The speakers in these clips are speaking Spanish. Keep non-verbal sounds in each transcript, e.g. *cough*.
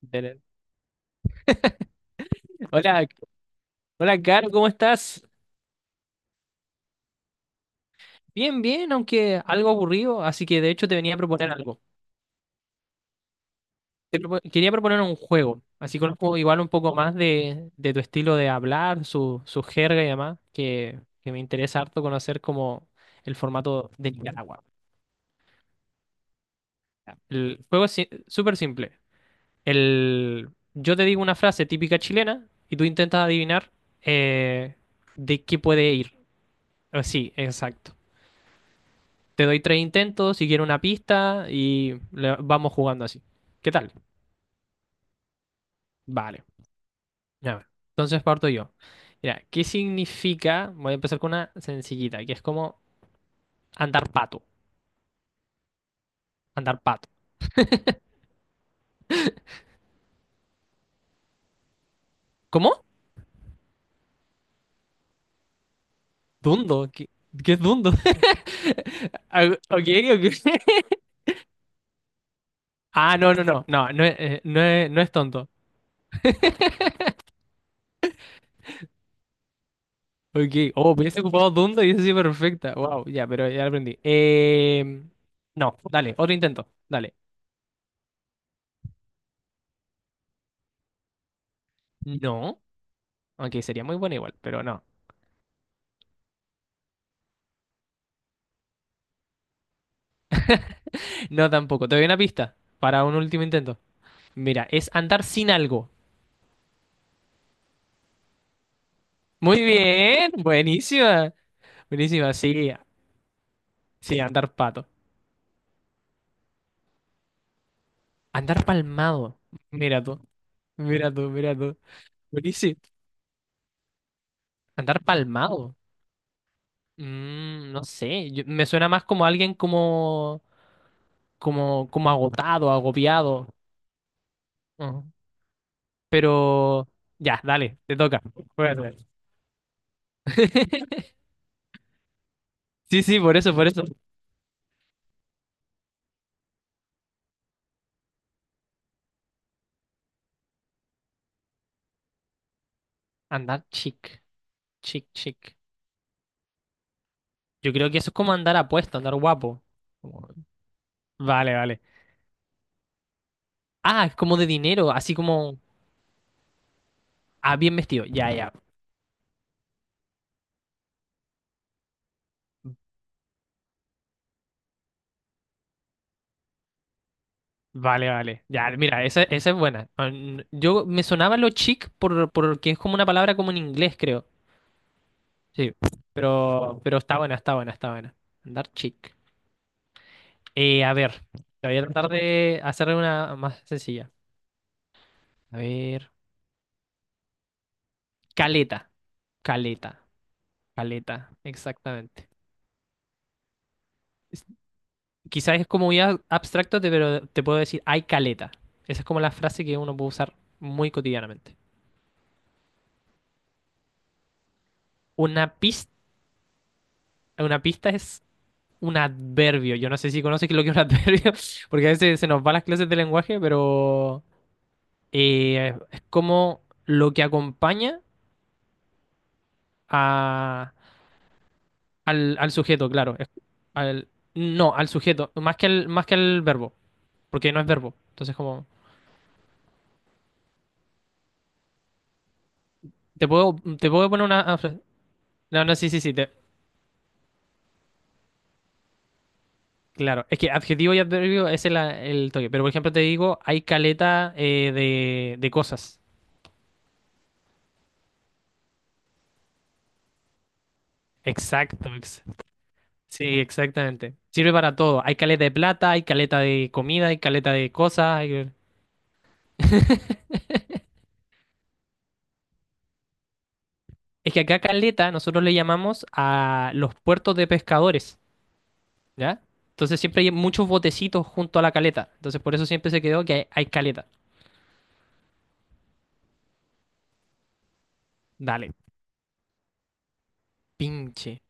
Belén. Hola, hola, Caro, ¿cómo estás? Bien, bien, aunque algo aburrido, así que de hecho te venía a proponer algo. Quería proponer un juego, así conozco igual un poco más de tu estilo de hablar, su jerga y demás, que me interesa harto conocer como el formato de Nicaragua. El juego es súper simple. Yo te digo una frase típica chilena y tú intentas adivinar eh, de qué puede ir. Ah, sí, exacto. Te doy tres intentos, si quiero una pista vamos jugando así. ¿Qué tal? Vale, ya va. Entonces parto yo. Mira, ¿qué significa? Voy a empezar con una sencillita, que es como andar pato. Andar pato. ¿Cómo? Dundo. ¿Qué, qué es dundo? *laughs* Ah, ok, ok. *laughs* Ah, no, no, no. No, no, no, es, no es tonto. Ok. Oh, hubiese ocupado dundo y eso sí, perfecta. Wow, ya, pero ya lo aprendí. No, dale, otro intento. Dale. No. Aunque sería muy bueno igual, pero no. No tampoco. Te doy una pista para un último intento. Mira, es andar sin algo. Muy bien, buenísima. Buenísima, sí. Sí, andar pato. Andar palmado. Mira tú, mira tú, mira tú. Buenísimo. Andar palmado. No sé, me suena más como alguien como, como agotado, agobiado. Ujú. Pero ya, dale, te toca. Voy a hacer. *laughs* Sí, sí, por eso, por eso. Andar chic. Chic, chic. Yo creo que eso es como andar apuesto, andar guapo. Como- Vale, vale. Ah, es como de dinero, así como... Ah, bien vestido. Ya, ya. Vale, vale. Ya, mira, esa es buena. Yo me sonaba lo chic porque es como una palabra como en inglés, creo. Sí. Pero está buena, está buena, está buena. Andar chic. A ver, te voy a tratar de hacerle una más sencilla. A ver. Caleta. Caleta. Caleta. Exactamente. Quizás es como muy abstracto, pero te puedo decir, hay caleta. Esa es como la frase que uno puede usar muy cotidianamente. Una pista, una pista es un adverbio. Yo no sé si conoces lo que es un *laughs* adverbio, porque a veces se nos van las clases de lenguaje, pero es como lo que acompaña a- al sujeto, claro. Al- no, al sujeto, más que al verbo, porque no es verbo. Entonces, como, te puedo poner una... No, no, sí, sí, sí. Claro, es que adjetivo y adverbio es el toque. Pero por ejemplo, te digo, hay caleta de cosas. Exacto, ex- sí, exactamente. Sirve para todo. Hay caleta de plata, hay caleta de comida, hay caleta de cosas. Es que acá caleta nosotros le llamamos a los puertos de pescadores, ¿ya? Entonces siempre hay muchos botecitos junto a la caleta. Entonces por eso siempre se quedó que hay caleta. Dale, pinche,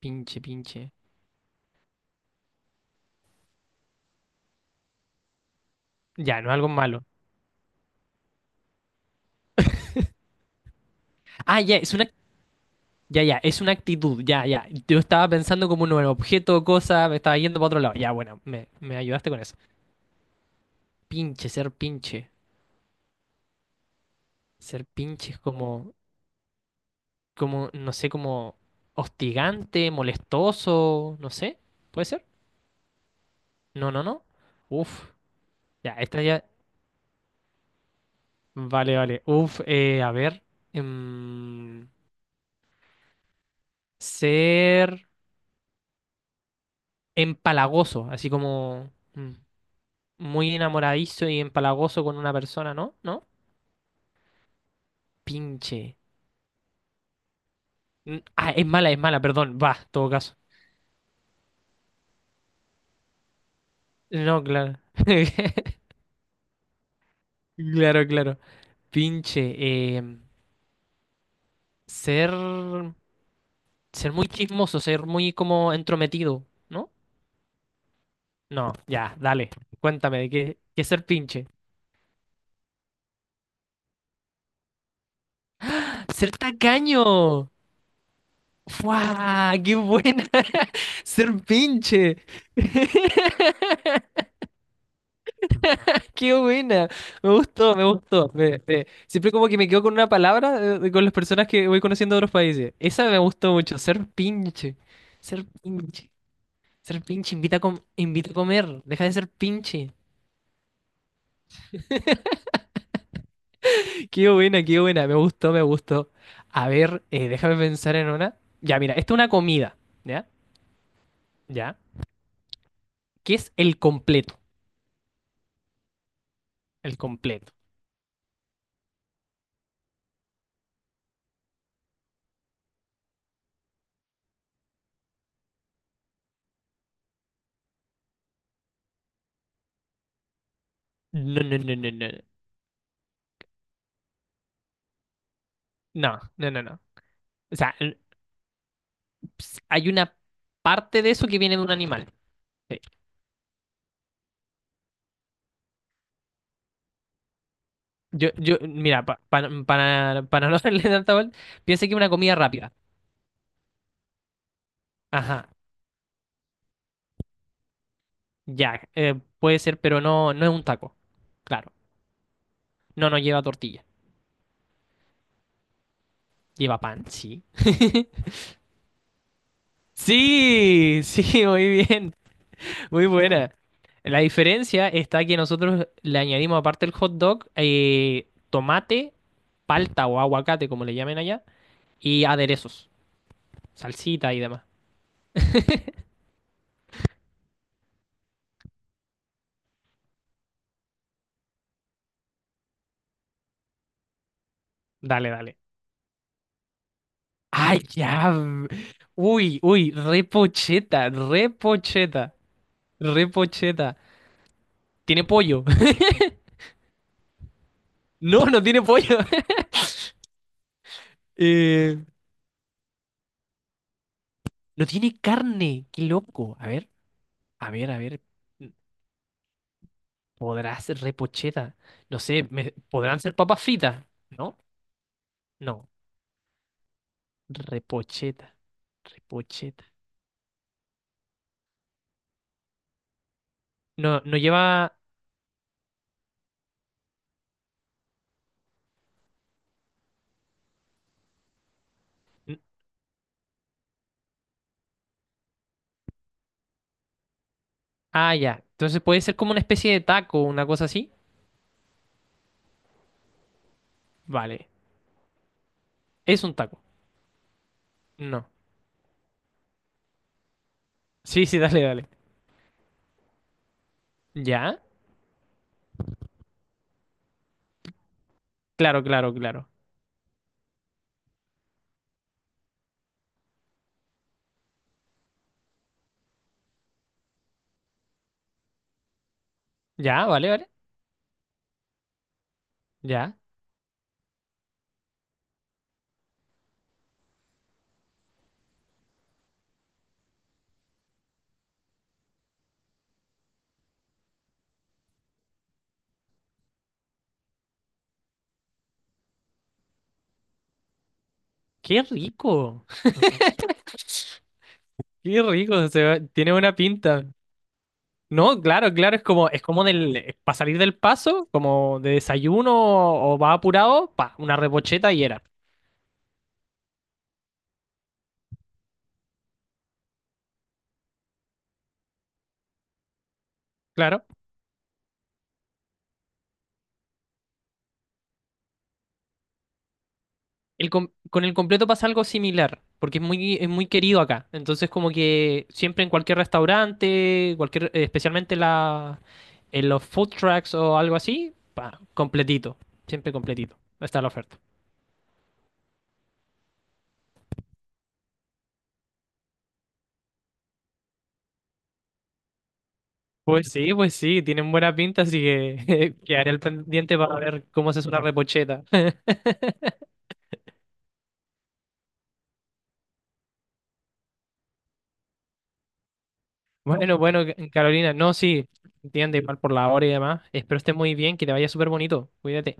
pinche. Ya, no es algo malo. Ah, ya, es una ya, ya, es una actitud, ya, ya. Yo estaba pensando como en un objeto o cosa, me estaba yendo para otro lado. Ya, bueno, me ayudaste con eso. Pinche, ser pinche. Ser pinche es como, como, no sé, como hostigante, molestoso, no sé. ¿Puede ser? No, no, no. Uf, ya, esta ya. Vale, vale. Uf, a ver. em, Ser empalagoso, así como muy enamoradizo y empalagoso con una persona, ¿no? ¿No? Pinche. Ah, es mala, perdón. Va, en todo caso. No, claro. *laughs* Claro, claro. Pinche. Ser. Ser muy chismoso, ser muy como entrometido, ¿no? No, ya, dale. Cuéntame, ¿de qué, qué es ser pinche? ¡Ser tacaño! ¡Fua! ¡Qué buena! *laughs* ¡Ser pinche! *laughs* Qué buena, me gustó, me gustó. Siempre como que me quedo con una palabra con las personas que voy conociendo de otros países. Esa me gustó mucho, ser pinche, ser pinche, ser pinche, invita a comer, deja de ser pinche. Qué buena, me gustó, me gustó. A ver, déjame pensar en una. Ya, mira, esta es una comida, ¿ya? ¿Ya? ¿Qué es el completo? El completo. No, no, no, no, no, no, no, no, no, no. O sea, hay una parte de eso que viene de un animal. Sí. Yo, mira, para no *laughs* hacerle tanta vuelta, piensa que es una comida rápida. Ajá, ya, puede ser, pero no, no es un taco. Claro, no, no lleva tortilla, lleva pan, sí. *laughs* Sí, sí, muy bien, muy buena. La diferencia está que nosotros le añadimos, aparte del hot dog, tomate, palta o aguacate, como le llamen allá, y aderezos, salsita y demás. Dale, dale. Ay, ya. Uy, uy, repocheta, repocheta, repocheta. ¿Tiene pollo? *laughs* No, no tiene pollo. *laughs* Eh, no tiene carne, qué loco. A ver, a ver, a ver. ¿Podrá ser repocheta? No sé, ¿podrán ser papas fritas? ¿No? No, repocheta, repocheta. No, no lleva... Ah, ya. Entonces puede ser como una especie de taco, una cosa así. Vale. ¿Es un taco? No. Sí, sí, dale, dale. ¿Ya? Claro, claro, claro. Ya, vale, vale. Ya. Qué rico. Qué rico. Tiene buena pinta. No, claro, claro, es como del, para salir del paso, como de desayuno o, va apurado, pa, una repocheta y era. Claro. Con el completo pasa algo similar, porque es muy querido acá. Entonces, como que siempre en cualquier restaurante, cualquier, especialmente en los food trucks o algo así, pa, completito. Siempre completito. Está la oferta. Pues sí, tienen buena pinta, así que *laughs* quedaré al pendiente para ver cómo haces una repocheta. *laughs* Bueno, bueno, Carolina, no, sí, entiende, igual por la hora y demás. Espero estés muy bien, que te vaya súper bonito. Cuídate.